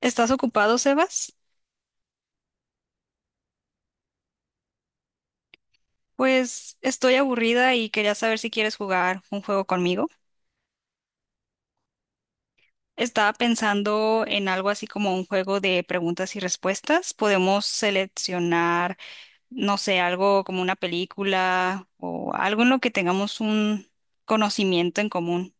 ¿Estás ocupado, Sebas? Pues estoy aburrida y quería saber si quieres jugar un juego conmigo. Estaba pensando en algo así como un juego de preguntas y respuestas. Podemos seleccionar, no sé, algo como una película o algo en lo que tengamos un conocimiento en común.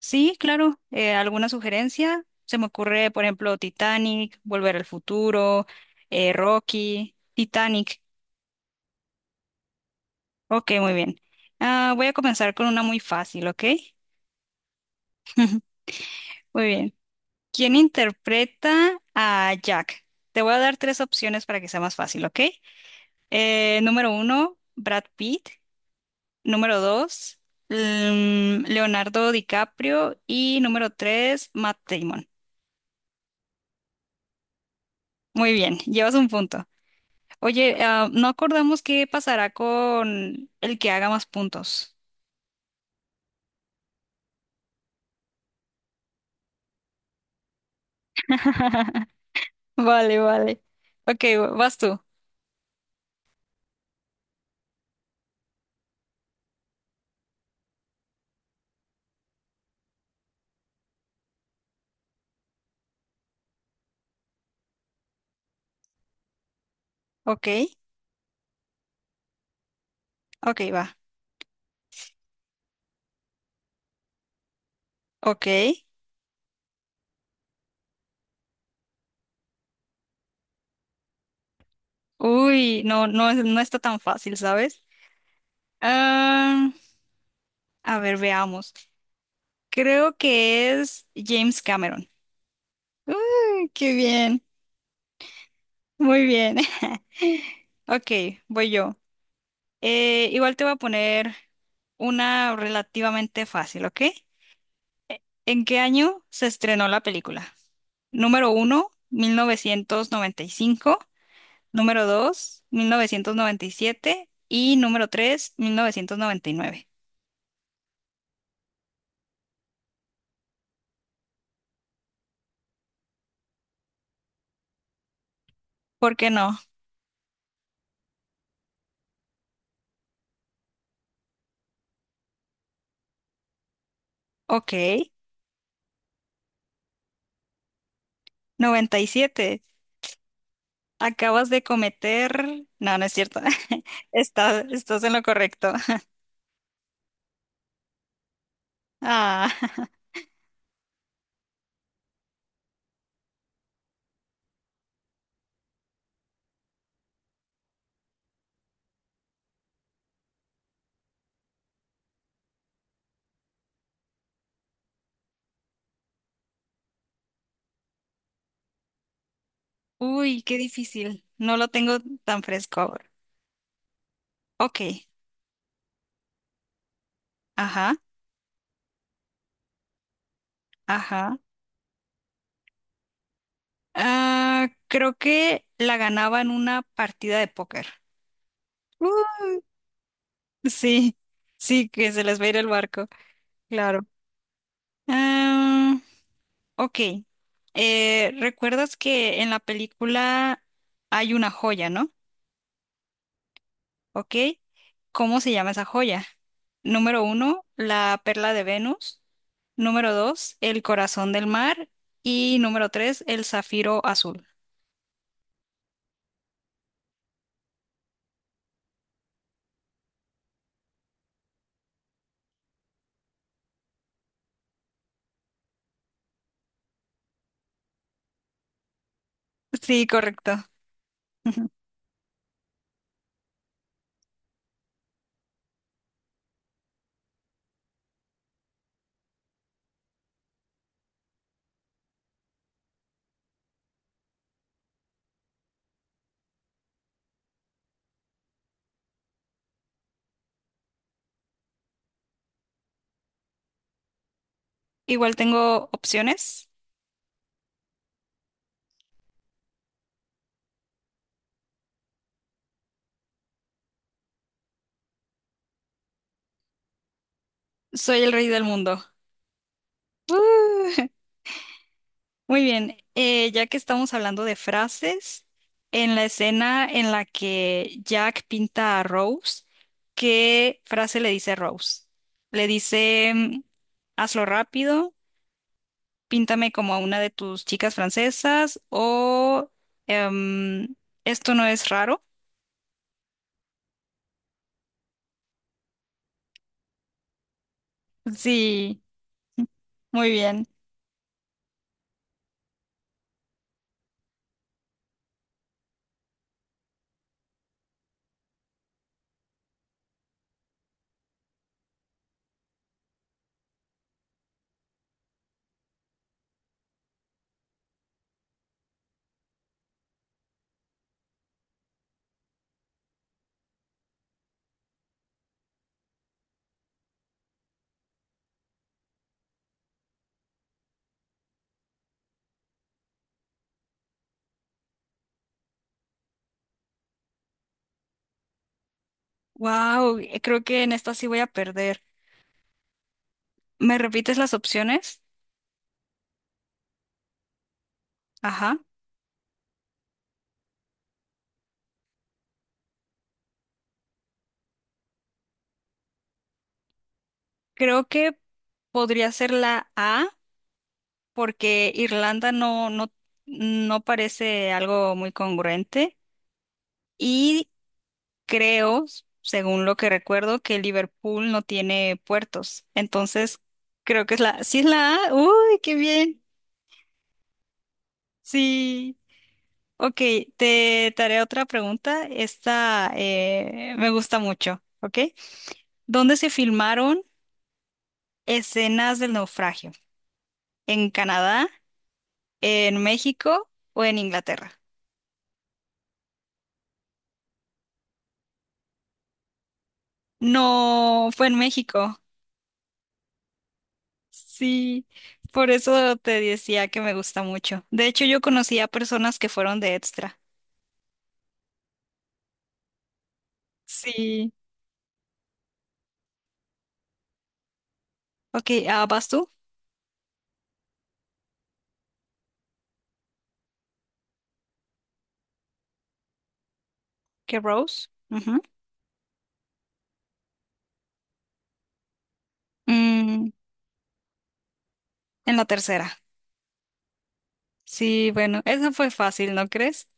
Sí, claro. ¿Alguna sugerencia? Se me ocurre, por ejemplo, Titanic, Volver al Futuro, Rocky, Titanic. Ok, muy bien. Ah, voy a comenzar con una muy fácil, ¿ok? Muy bien. ¿Quién interpreta a Jack? Te voy a dar tres opciones para que sea más fácil, ¿ok? Número uno, Brad Pitt. Número dos, Leonardo DiCaprio. Y número tres, Matt Damon. Muy bien, llevas un punto. Oye, ah, no acordamos qué pasará con el que haga más puntos. Vale, vale. Ok, vas tú. Ok, ok, va. Ok. Uy, no, no, no está tan fácil, ¿sabes? Ah, a ver, veamos. Creo que es James Cameron. Uy, qué bien. Muy bien. Ok, voy yo. Igual te voy a poner una relativamente fácil, ¿ok? ¿En qué año se estrenó la película? Número uno, 1995. Número dos, 1997. Y número tres, 1999. ¿Por qué no? Ok, 97. Acabas de cometer. No, no es cierto. Estás, estás en lo correcto. Ah, uy, qué difícil. No lo tengo tan fresco ahora. Ok, ajá, ajá. Ah, creo que la ganaba en una partida de póker. Uh, sí, sí, que se les va a ir el barco, claro. Ah, ok. ¿Recuerdas que en la película hay una joya, no? ¿Ok? ¿Cómo se llama esa joya? Número uno, la perla de Venus. Número dos, el corazón del mar. Y número tres, el zafiro azul. Sí, correcto. Ujú. Igual tengo opciones. Soy el rey del mundo. ¡Uh! Muy bien, ya que estamos hablando de frases, en la escena en la que Jack pinta a Rose, ¿qué frase le dice Rose? Le dice, hazlo rápido. Píntame como a una de tus chicas francesas o em, esto no es raro. Sí, muy bien. Wow, creo que en esta sí voy a perder. ¿Me repites las opciones? Ajá. Creo que podría ser la A porque Irlanda no, no, no parece algo muy congruente y creo, según lo que recuerdo, que Liverpool no tiene puertos. Entonces, creo que es la. Sí, es la A. Uy, qué bien. Sí, ok, te haré otra pregunta. Esta me gusta mucho, ¿ok? ¿Dónde se filmaron escenas del naufragio? ¿En Canadá, en México o en Inglaterra? No, fue en México. Sí, por eso te decía que me gusta mucho. De hecho, yo conocí a personas que fueron de extra. Sí. Ok, ah, ¿vas tú? ¿Qué Rose? Ujú. Mm, en la tercera. Sí, bueno, eso fue fácil, ¿no crees?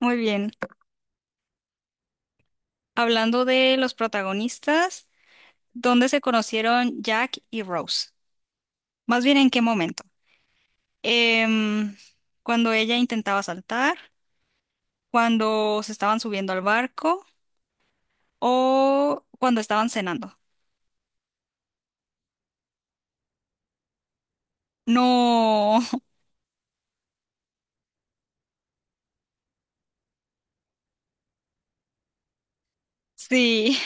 Muy bien. Hablando de los protagonistas, ¿dónde se conocieron Jack y Rose? Más bien, ¿en qué momento? Em, Cuando ella intentaba saltar, cuando se estaban subiendo al barco o cuando estaban cenando. No, sí,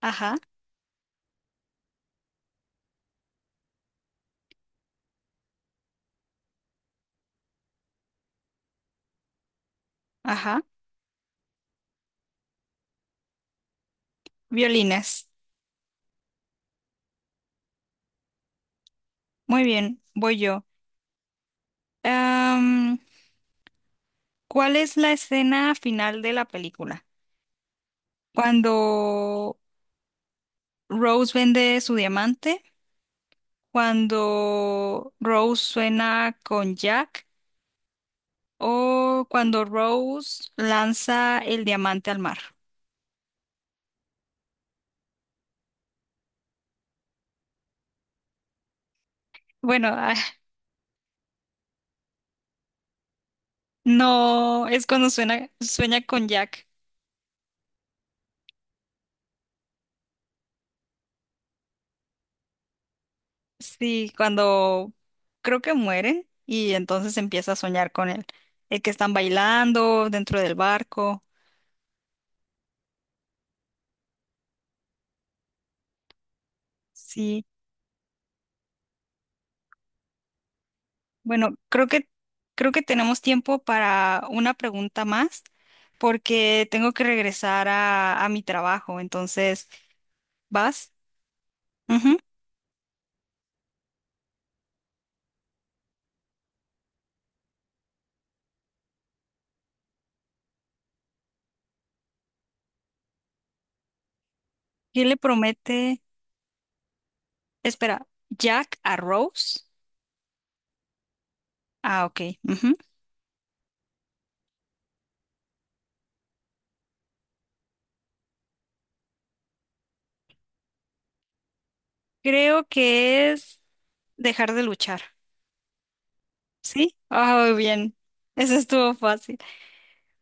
ajá, ajá. Violines. Muy bien, voy yo. Em, ¿Cuál es la escena final de la película? Cuando Rose vende su diamante. Cuando Rose suena con Jack o cuando Rose lanza el diamante al mar. Bueno, ah, no, es cuando sueña con Jack. Sí, cuando creo que mueren y entonces empieza a soñar con él. El que están bailando dentro del barco. Sí, bueno, creo que tenemos tiempo para una pregunta más porque tengo que regresar a mi trabajo. Entonces, ¿vas? Ujú. ¿Quién le promete? Espera, Jack a Rose. Ah, ok. Ujú. Creo que es dejar de luchar. ¿Sí? Ah, bien. Eso estuvo fácil.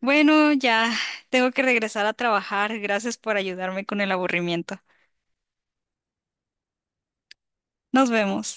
Bueno, ya tengo que regresar a trabajar. Gracias por ayudarme con el aburrimiento. Nos vemos.